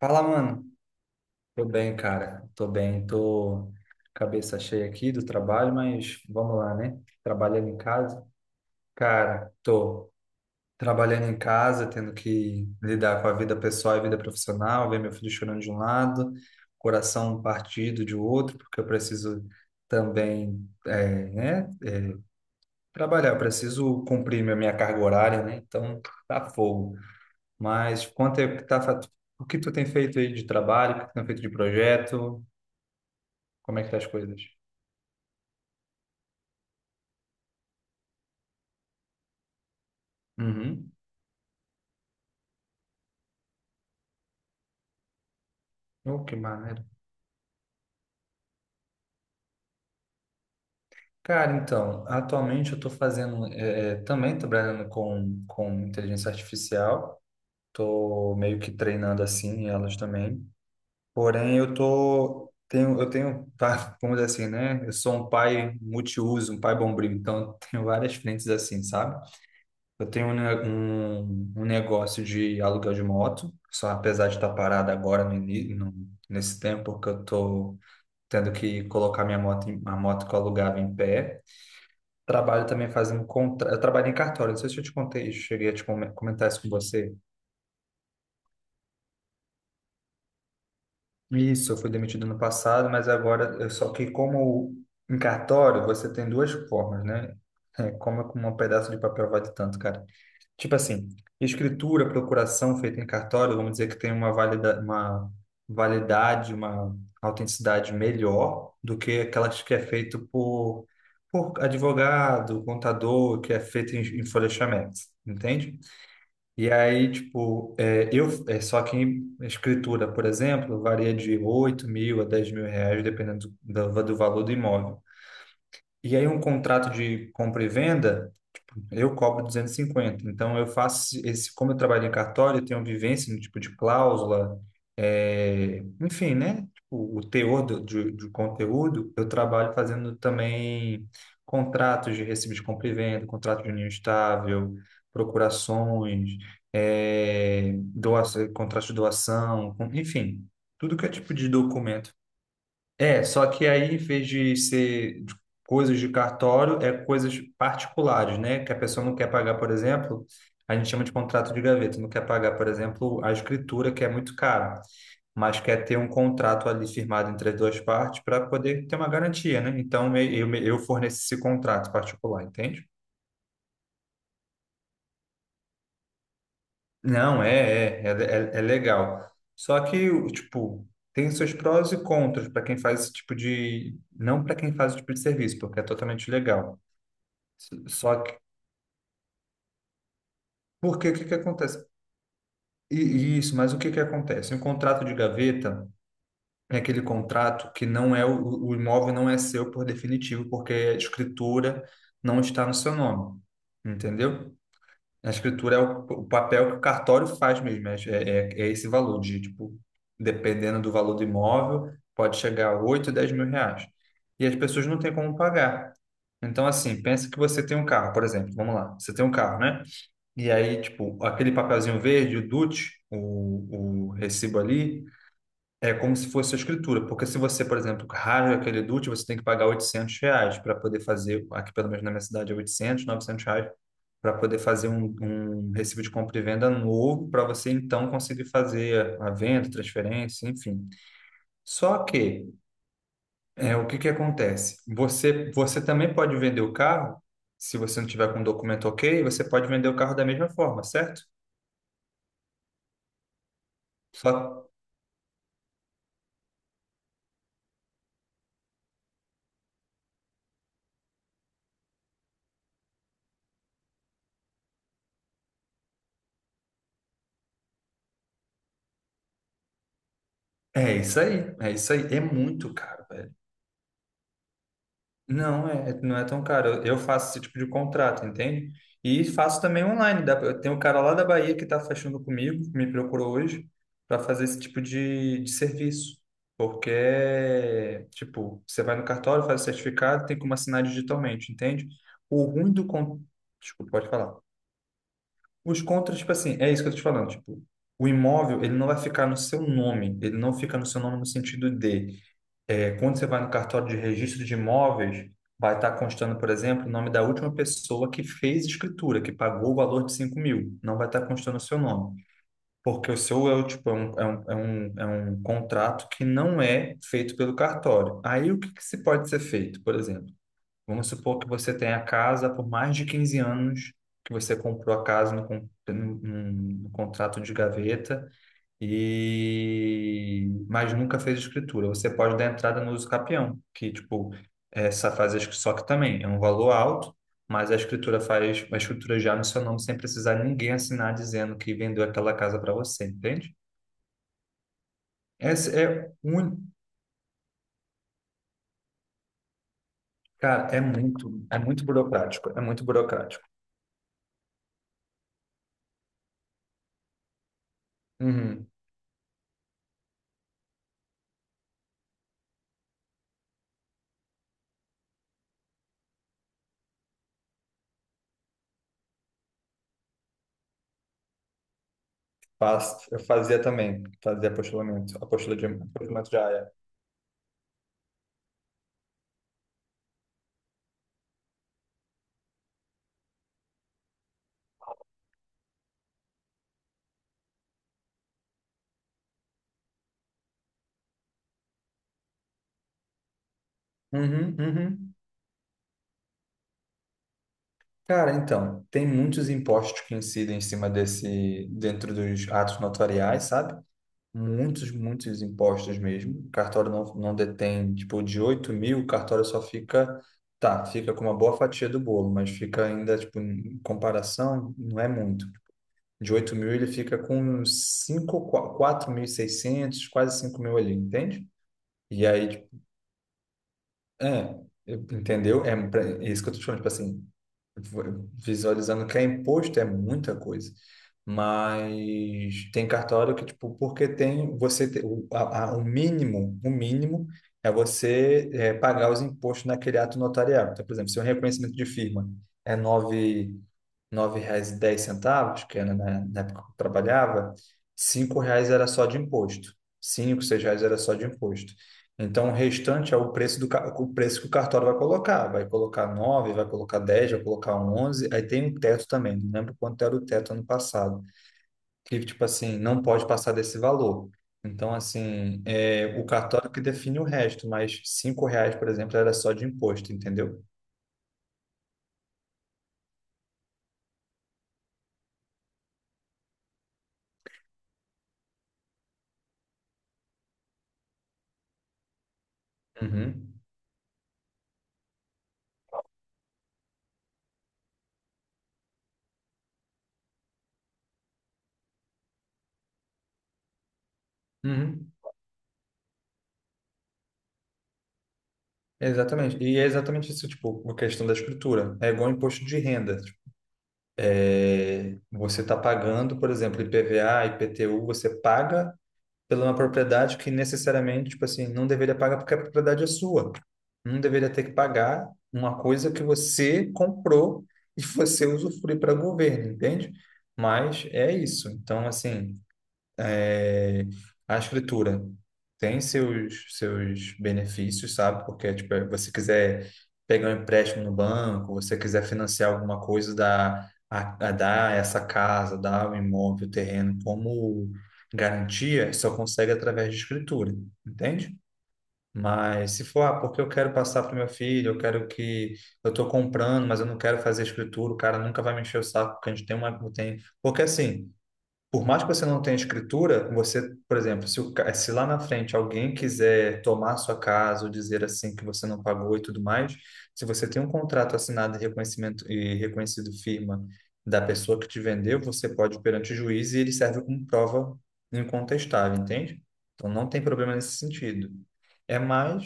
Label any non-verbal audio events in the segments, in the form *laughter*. Fala, mano. Tô bem, cara. Tô bem. Tô cabeça cheia aqui do trabalho, mas vamos lá, né? Trabalhando em casa. Cara, tô trabalhando em casa, tendo que lidar com a vida pessoal e vida profissional, ver meu filho chorando de um lado, coração partido de outro, porque eu preciso também, né? É, Trabalhar, eu preciso cumprir minha carga horária, né? Então, tá fogo. Mas quanto é que tá, o que tu tem feito aí de trabalho, o que tu tem feito de projeto? Como é que tá as coisas? Uhum. Oh, que maneiro. Cara, então, atualmente eu estou fazendo, também trabalhando com inteligência artificial, estou meio que treinando assim elas também, porém eu tô, tenho, eu tenho, tá, vamos dizer assim, né, eu sou um pai multiuso, um pai bombril, então eu tenho várias frentes assim, sabe? Eu tenho um negócio de aluguel de moto, só apesar de estar parado agora no, ini- no, nesse tempo que eu tô tendo que colocar minha moto, a moto que eu alugava em pé. Trabalho também fazendo. Eu trabalho em cartório, não sei se eu te contei, cheguei a te comentar isso com você. Isso, eu fui demitido no passado, mas agora, só que como em cartório, você tem duas formas, né? É, como com um pedaço de papel vale tanto, cara. Tipo assim, escritura, procuração feita em cartório, vamos dizer que tem uma validade, uma autenticidade melhor do que aquelas que é feito por advogado, contador, que é feito em folheamento, entende? E aí, tipo, é, eu, é só que em escritura, por exemplo, varia de 8 mil a 10 mil reais, dependendo do valor do imóvel. E aí, um contrato de compra e venda. Eu cobro 250. Então, eu faço esse, como eu trabalho em cartório, eu tenho vivência no tipo de cláusula, enfim, né? Tipo, o teor de conteúdo, eu trabalho fazendo também contratos de recibo de compra e venda, contrato de união estável, procurações, doação, contrato de doação, enfim, tudo que é tipo de documento. Só que aí, em vez de ser de coisas de cartório, é coisas particulares, né? Que a pessoa não quer pagar, por exemplo, a gente chama de contrato de gaveta, não quer pagar, por exemplo, a escritura, que é muito caro, mas quer ter um contrato ali firmado entre as duas partes para poder ter uma garantia, né? Então, eu forneço esse contrato particular, entende? Não, é legal. Só que, tipo, tem seus prós e contras para quem faz esse tipo de. Não para quem faz esse tipo de serviço, porque é totalmente legal. Só que, porque o que que acontece? E isso, mas o que que acontece? Um contrato de gaveta é aquele contrato que não é o imóvel não é seu por definitivo, porque a escritura não está no seu nome, entendeu? A escritura é o papel que o cartório faz mesmo, é esse valor de, tipo, dependendo do valor do imóvel, pode chegar a 8, 10 mil reais. E as pessoas não têm como pagar. Então, assim, pensa que você tem um carro, por exemplo, vamos lá, você tem um carro, né? E aí, tipo, aquele papelzinho verde, o DUT, o recibo ali, é como se fosse a escritura. Porque se você, por exemplo, rasga aquele DUT, você tem que pagar 800 reais para poder fazer, aqui pelo menos na minha cidade é 800, R$ 900, para poder fazer um recibo de compra e venda novo, para você então conseguir fazer a venda, transferência, enfim. Só que, o que que acontece? Você também pode vender o carro, se você não tiver com o documento ok, você pode vender o carro da mesma forma, certo? Só, É isso aí, é isso aí. É muito caro, velho. Não é tão caro. Eu faço esse tipo de contrato, entende? E faço também online. Tem um cara lá da Bahia que está fechando comigo, me procurou hoje para fazer esse tipo de serviço. Porque, tipo, você vai no cartório, faz o certificado, tem como assinar digitalmente, entende? O ruim do... Con... Desculpa, pode falar. Os contras, tipo assim, é isso que eu tô te falando, tipo, o imóvel, ele não vai ficar no seu nome, ele não fica no seu nome no sentido de quando você vai no cartório de registro de imóveis, vai estar constando, por exemplo, o nome da última pessoa que fez escritura, que pagou o valor de 5 mil. Não vai estar constando o seu nome. Porque o seu é um contrato que não é feito pelo cartório. Aí o que se pode ser feito, por exemplo? Vamos supor que você tenha a casa por mais de 15 anos, que você comprou a casa no contrato de gaveta, e mas nunca fez escritura. Você pode dar entrada no uso capião, que tipo essa faz a escri- só que também é um valor alto, mas a escritura faz a escritura já no seu nome sem precisar ninguém assinar dizendo que vendeu aquela casa para você, entende? Essa é um, Cara, é muito burocrático, é muito burocrático. Uhum. Eu fazia também, fazia apostilamento, apostila de apostilamento de aia. Uhum, uhum. Cara, então, tem muitos impostos que incidem em cima desse, dentro dos atos notariais, sabe? Muitos, muitos impostos mesmo. O cartório não detém, tipo, de 8 mil, o cartório fica com uma boa fatia do bolo, mas fica ainda, tipo, em comparação, não é muito. De 8 mil ele fica com cinco, uns 5, seiscentos, quase 5 mil ali, entende? E aí, tipo, é, entendeu? É isso que eu tô te falando, tipo assim, visualizando que é imposto é muita coisa. Mas tem cartório que, tipo, porque tem você te- o, a- o mínimo é você pagar os impostos naquele ato notarial. Então, por exemplo, se o reconhecimento de firma é nove reais e dez centavos que era na época que eu trabalhava, 5 reais era só de imposto. Cinco 6 reais era só de imposto. Então, o restante é o preço o preço que o cartório vai colocar. Vai colocar nove, vai colocar dez, vai colocar onze. Aí tem um teto também. Não lembro quanto era o teto ano passado. Que, tipo assim, não pode passar desse valor. Então, assim, é o cartório que define o resto, mas 5 reais, por exemplo, era só de imposto, entendeu? Uhum. Uhum. Exatamente. E é exatamente isso, tipo, a questão da escritura. É igual imposto de renda. Tipo, você está pagando, por exemplo, IPVA, IPTU, você paga pela uma propriedade que necessariamente, tipo assim, não deveria pagar porque a propriedade é sua. Não deveria ter que pagar uma coisa que você comprou e você usufrui para governo, entende? Mas é isso. Então, assim, é, a escritura tem seus benefícios, sabe? Porque, tipo, você quiser pegar um empréstimo no banco, você quiser financiar alguma coisa, dá essa casa, dá o imóvel, o terreno como garantia, só consegue através de escritura, entende? Mas se for, ah, porque eu quero passar para o meu filho, eu quero que eu estou comprando, mas eu não quero fazer escritura, o cara nunca vai me encher o saco, porque a gente tem tem, porque assim, por mais que você não tenha escritura, você, por exemplo, se, o ca- se lá na frente alguém quiser tomar sua casa ou dizer assim que você não pagou e tudo mais, se você tem um contrato assinado e reconhecimento e reconhecido firma da pessoa que te vendeu, você pode ir perante o juiz e ele serve como prova incontestável, entende? Então não tem problema nesse sentido. É mais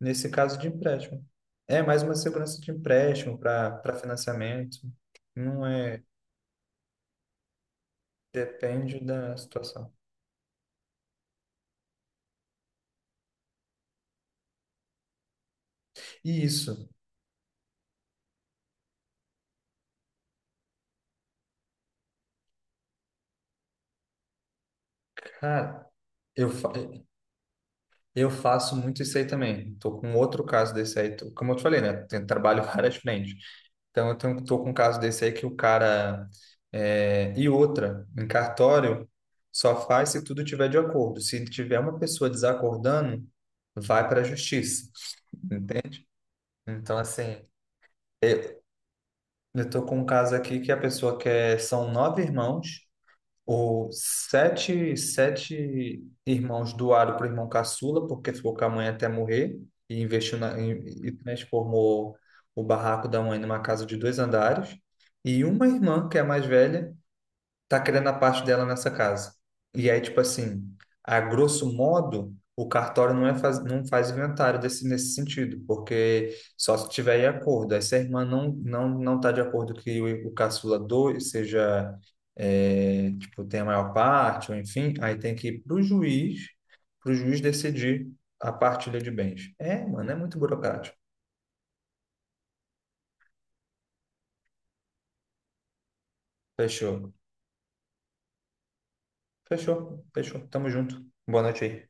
nesse caso de empréstimo. É mais uma segurança de empréstimo para financiamento. Não é, depende da situação. Isso. Cara, eu, fa- eu faço muito isso aí também. Tô com outro caso desse aí. Como eu te falei, né? Trabalho *laughs* várias frentes. Então, tô com um caso desse aí que o cara... E outra, em cartório, só faz se tudo tiver de acordo. Se tiver uma pessoa desacordando, vai para a justiça. Entende? Então, assim, eu, eu tô com um caso aqui que a pessoa quer... São nove irmãos. Sete irmãos doaram para o irmão caçula, porque ficou com a mãe até morrer, e investiu e transformou o barraco da mãe numa casa de dois andares. E uma irmã, que é a mais velha, tá querendo a parte dela nessa casa. E aí, tipo assim, a grosso modo, o cartório não faz inventário nesse sentido, porque só se tiver em acordo. Aí, se a irmã não tá de acordo que o caçula doe, seja, tipo, tenha a maior parte, ou enfim, aí tem que ir pro juiz decidir a partilha de bens. É, mano, é muito burocrático. Fechou. Fechou, fechou. Tamo junto. Boa noite aí.